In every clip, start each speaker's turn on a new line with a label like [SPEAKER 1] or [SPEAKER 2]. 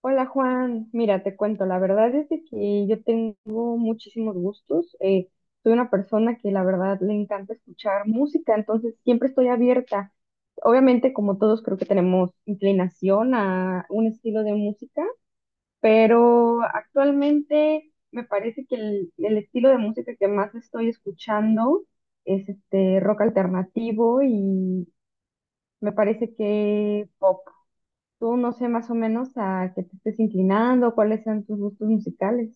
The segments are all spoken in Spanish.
[SPEAKER 1] Hola Juan, mira, te cuento, la verdad es de que yo tengo muchísimos gustos. Soy una persona que la verdad le encanta escuchar música, entonces siempre estoy abierta. Obviamente, como todos, creo que tenemos inclinación a un estilo de música, pero actualmente me parece que el estilo de música que más estoy escuchando es este rock alternativo y me parece que pop. Tú no sé más o menos a qué te estés inclinando, cuáles sean tus gustos musicales.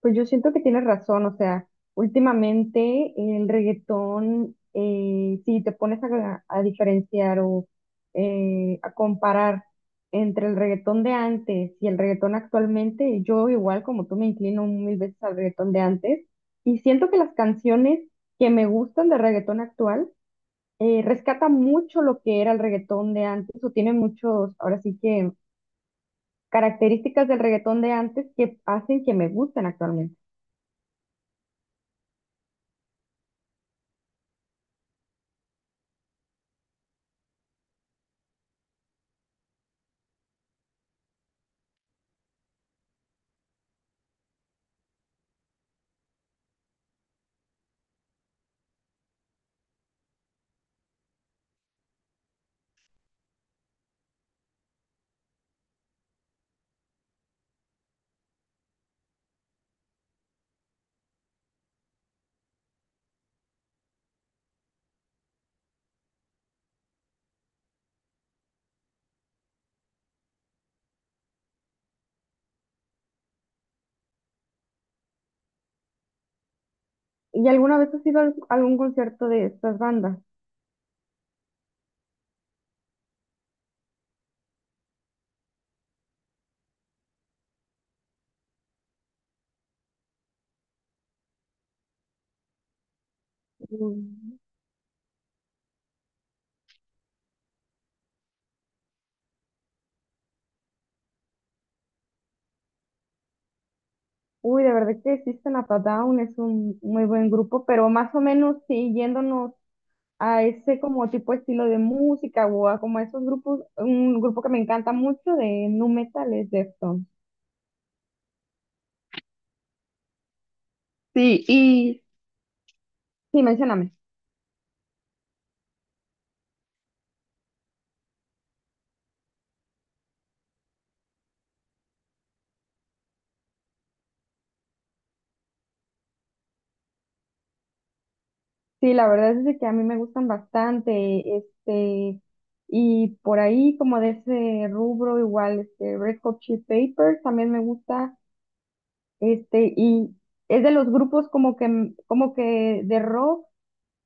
[SPEAKER 1] Pues yo siento que tienes razón, o sea, últimamente el reggaetón, si te pones a diferenciar o a comparar entre el reggaetón de antes y el reggaetón actualmente, yo igual como tú me inclino mil veces al reggaetón de antes y siento que las canciones que me gustan de reggaetón actual rescatan mucho lo que era el reggaetón de antes o tiene muchos, ahora sí que características del reggaetón de antes que hacen que me gusten actualmente. ¿Y alguna vez has ido a algún concierto de estas bandas? Mm, Uy, de verdad que existen a Down, es un muy buen grupo, pero más o menos sí, yéndonos a ese como tipo de estilo de música o a como esos grupos, un grupo que me encanta mucho de nu metal es Deftones. Sí, y sí, mencióname. Sí, la verdad es de que a mí me gustan bastante, este, y por ahí como de ese rubro igual, este, Red Hot Chili Peppers también me gusta, este, y es de los grupos como que, como que de rock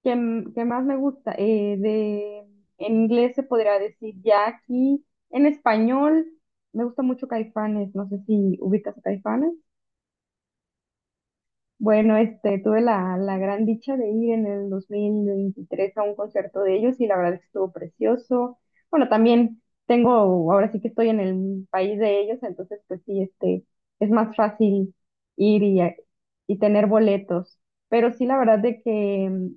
[SPEAKER 1] que, que más me gusta, en inglés se podría decir ya aquí, en español me gusta mucho Caifanes, no sé si ubicas a Caifanes. Bueno, este, tuve la gran dicha de ir en el 2023 a un concierto de ellos y la verdad es que estuvo precioso. Bueno, también tengo, ahora sí que estoy en el país de ellos, entonces pues sí, este, es más fácil ir y, y tener boletos. Pero sí, la verdad de que,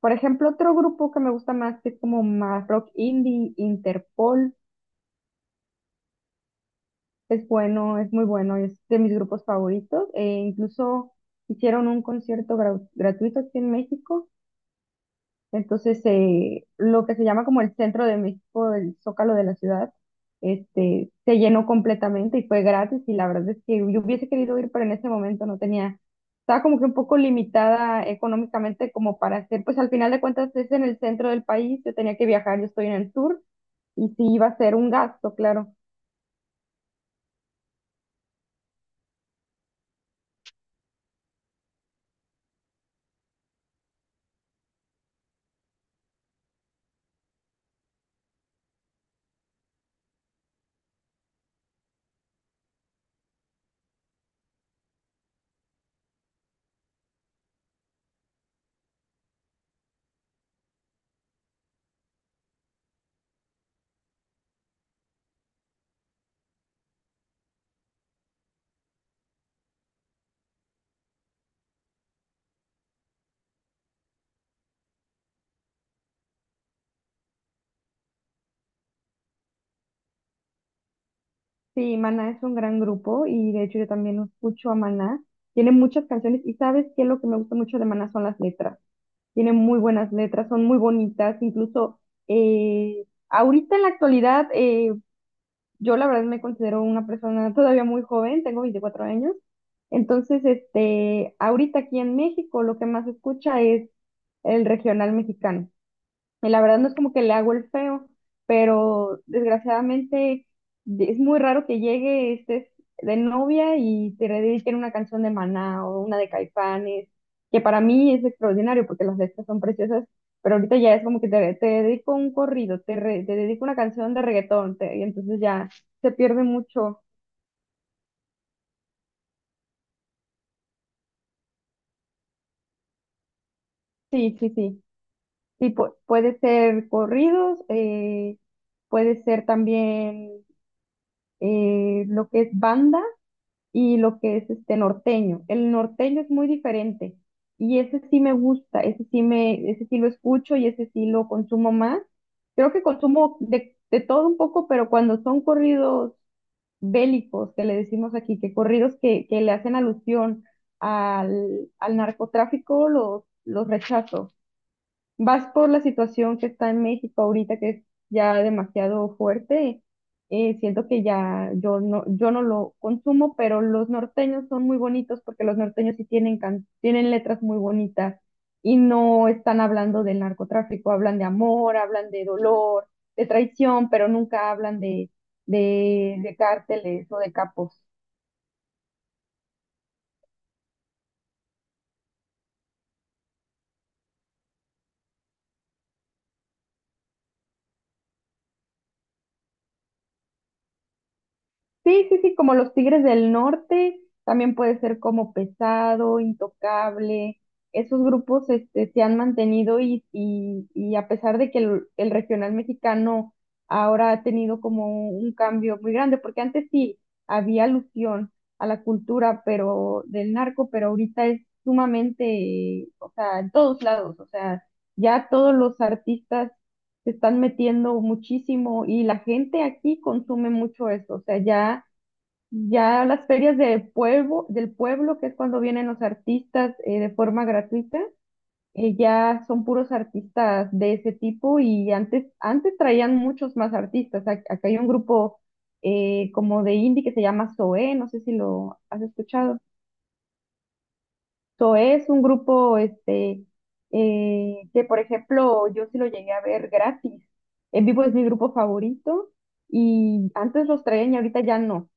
[SPEAKER 1] por ejemplo, otro grupo que me gusta más, que es como más rock indie, Interpol, es bueno, es muy bueno, es de mis grupos favoritos. E incluso hicieron un concierto gratuito aquí en México. Entonces, lo que se llama como el centro de México, el Zócalo de la ciudad, este, se llenó completamente y fue gratis. Y la verdad es que yo hubiese querido ir, pero en ese momento no tenía, estaba como que un poco limitada económicamente como para hacer, pues al final de cuentas es en el centro del país, yo tenía que viajar, yo estoy en el sur y sí iba a ser un gasto, claro. Sí, Maná es un gran grupo y de hecho yo también escucho a Maná. Tiene muchas canciones y ¿sabes qué? Lo que me gusta mucho de Maná son las letras. Tiene muy buenas letras, son muy bonitas, incluso ahorita en la actualidad, yo la verdad me considero una persona todavía muy joven, tengo 24 años, entonces, este, ahorita aquí en México lo que más se escucha es el regional mexicano. Y la verdad no es como que le hago el feo, pero desgraciadamente es muy raro que llegue, estés de novia y te dediquen una canción de Maná o una de Caifanes, que para mí es extraordinario porque las letras son preciosas, pero ahorita ya es como que te dedico un corrido, te dedico una canción de reggaetón, y entonces ya se pierde mucho. Sí, sí, sí. Sí, puede ser corridos, puede ser también lo que es banda y lo que es este norteño. El norteño es muy diferente y ese sí me gusta, ese sí me, ese sí lo escucho y ese sí lo consumo más. Creo que consumo de todo un poco, pero cuando son corridos bélicos, que le decimos aquí, que corridos que le hacen alusión al narcotráfico, los rechazo vas por la situación que está en México ahorita, que es ya demasiado fuerte. Siento que ya yo no, yo no lo consumo, pero los norteños son muy bonitos porque los norteños sí tienen, tienen letras muy bonitas y no están hablando del narcotráfico, hablan de amor, hablan de dolor, de traición, pero nunca hablan de cárteles o de capos. Sí, sí, sí, como los Tigres del Norte, también puede ser como Pesado, Intocable. Esos grupos este, se han mantenido y a pesar de que el regional mexicano ahora ha tenido como un cambio muy grande, porque antes sí había alusión a la cultura pero del narco, pero ahorita es sumamente, o sea, en todos lados, o sea, ya todos los artistas se están metiendo muchísimo y la gente aquí consume mucho eso, o sea, ya ya las ferias de pueblo, del pueblo, que es cuando vienen los artistas de forma gratuita, ya son puros artistas de ese tipo y antes, antes traían muchos más artistas. Acá hay un grupo como de indie que se llama Zoé, no sé si lo has escuchado. Zoé es un grupo este, que, por ejemplo, yo sí lo llegué a ver gratis. En vivo es mi grupo favorito y antes los traían y ahorita ya no.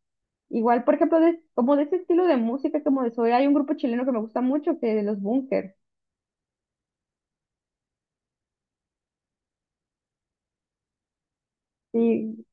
[SPEAKER 1] Igual, por ejemplo, como de ese estilo de música, como de soy, hay un grupo chileno que me gusta mucho, que de los Bunkers. Sí,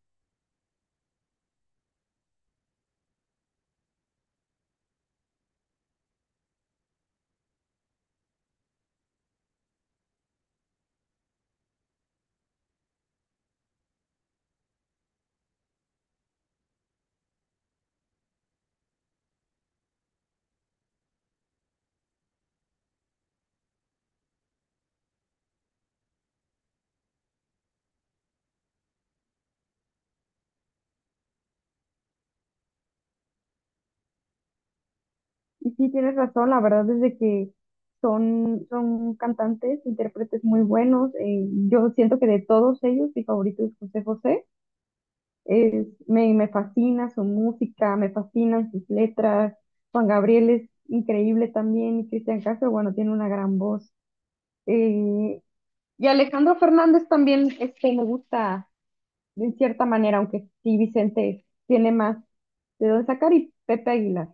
[SPEAKER 1] y sí tienes razón, la verdad es de que son, son cantantes, intérpretes muy buenos. Yo siento que de todos ellos, mi favorito es José José. Me, me fascina su música, me fascinan sus letras. Juan Gabriel es increíble también, y Cristian Castro, bueno, tiene una gran voz. Eh, y Alejandro Fernández también, este, me gusta. De cierta manera, aunque sí Vicente tiene más de dónde sacar y Pepe Aguilar.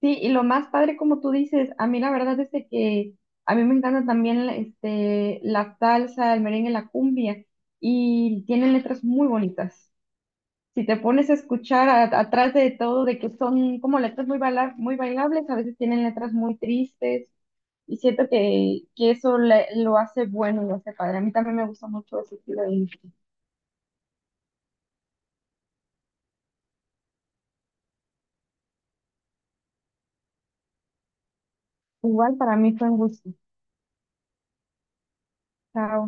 [SPEAKER 1] Sí, y lo más padre, como tú dices, a mí la verdad es de que a mí me encanta también este, la salsa, el merengue, la cumbia, y tienen letras muy bonitas. Si te pones a escuchar atrás de todo, de que son como letras muy, muy bailables, a veces tienen letras muy tristes, y siento que eso lo hace bueno, lo hace padre. A mí también me gusta mucho ese estilo de música. Igual para mí fue un gusto. Chao.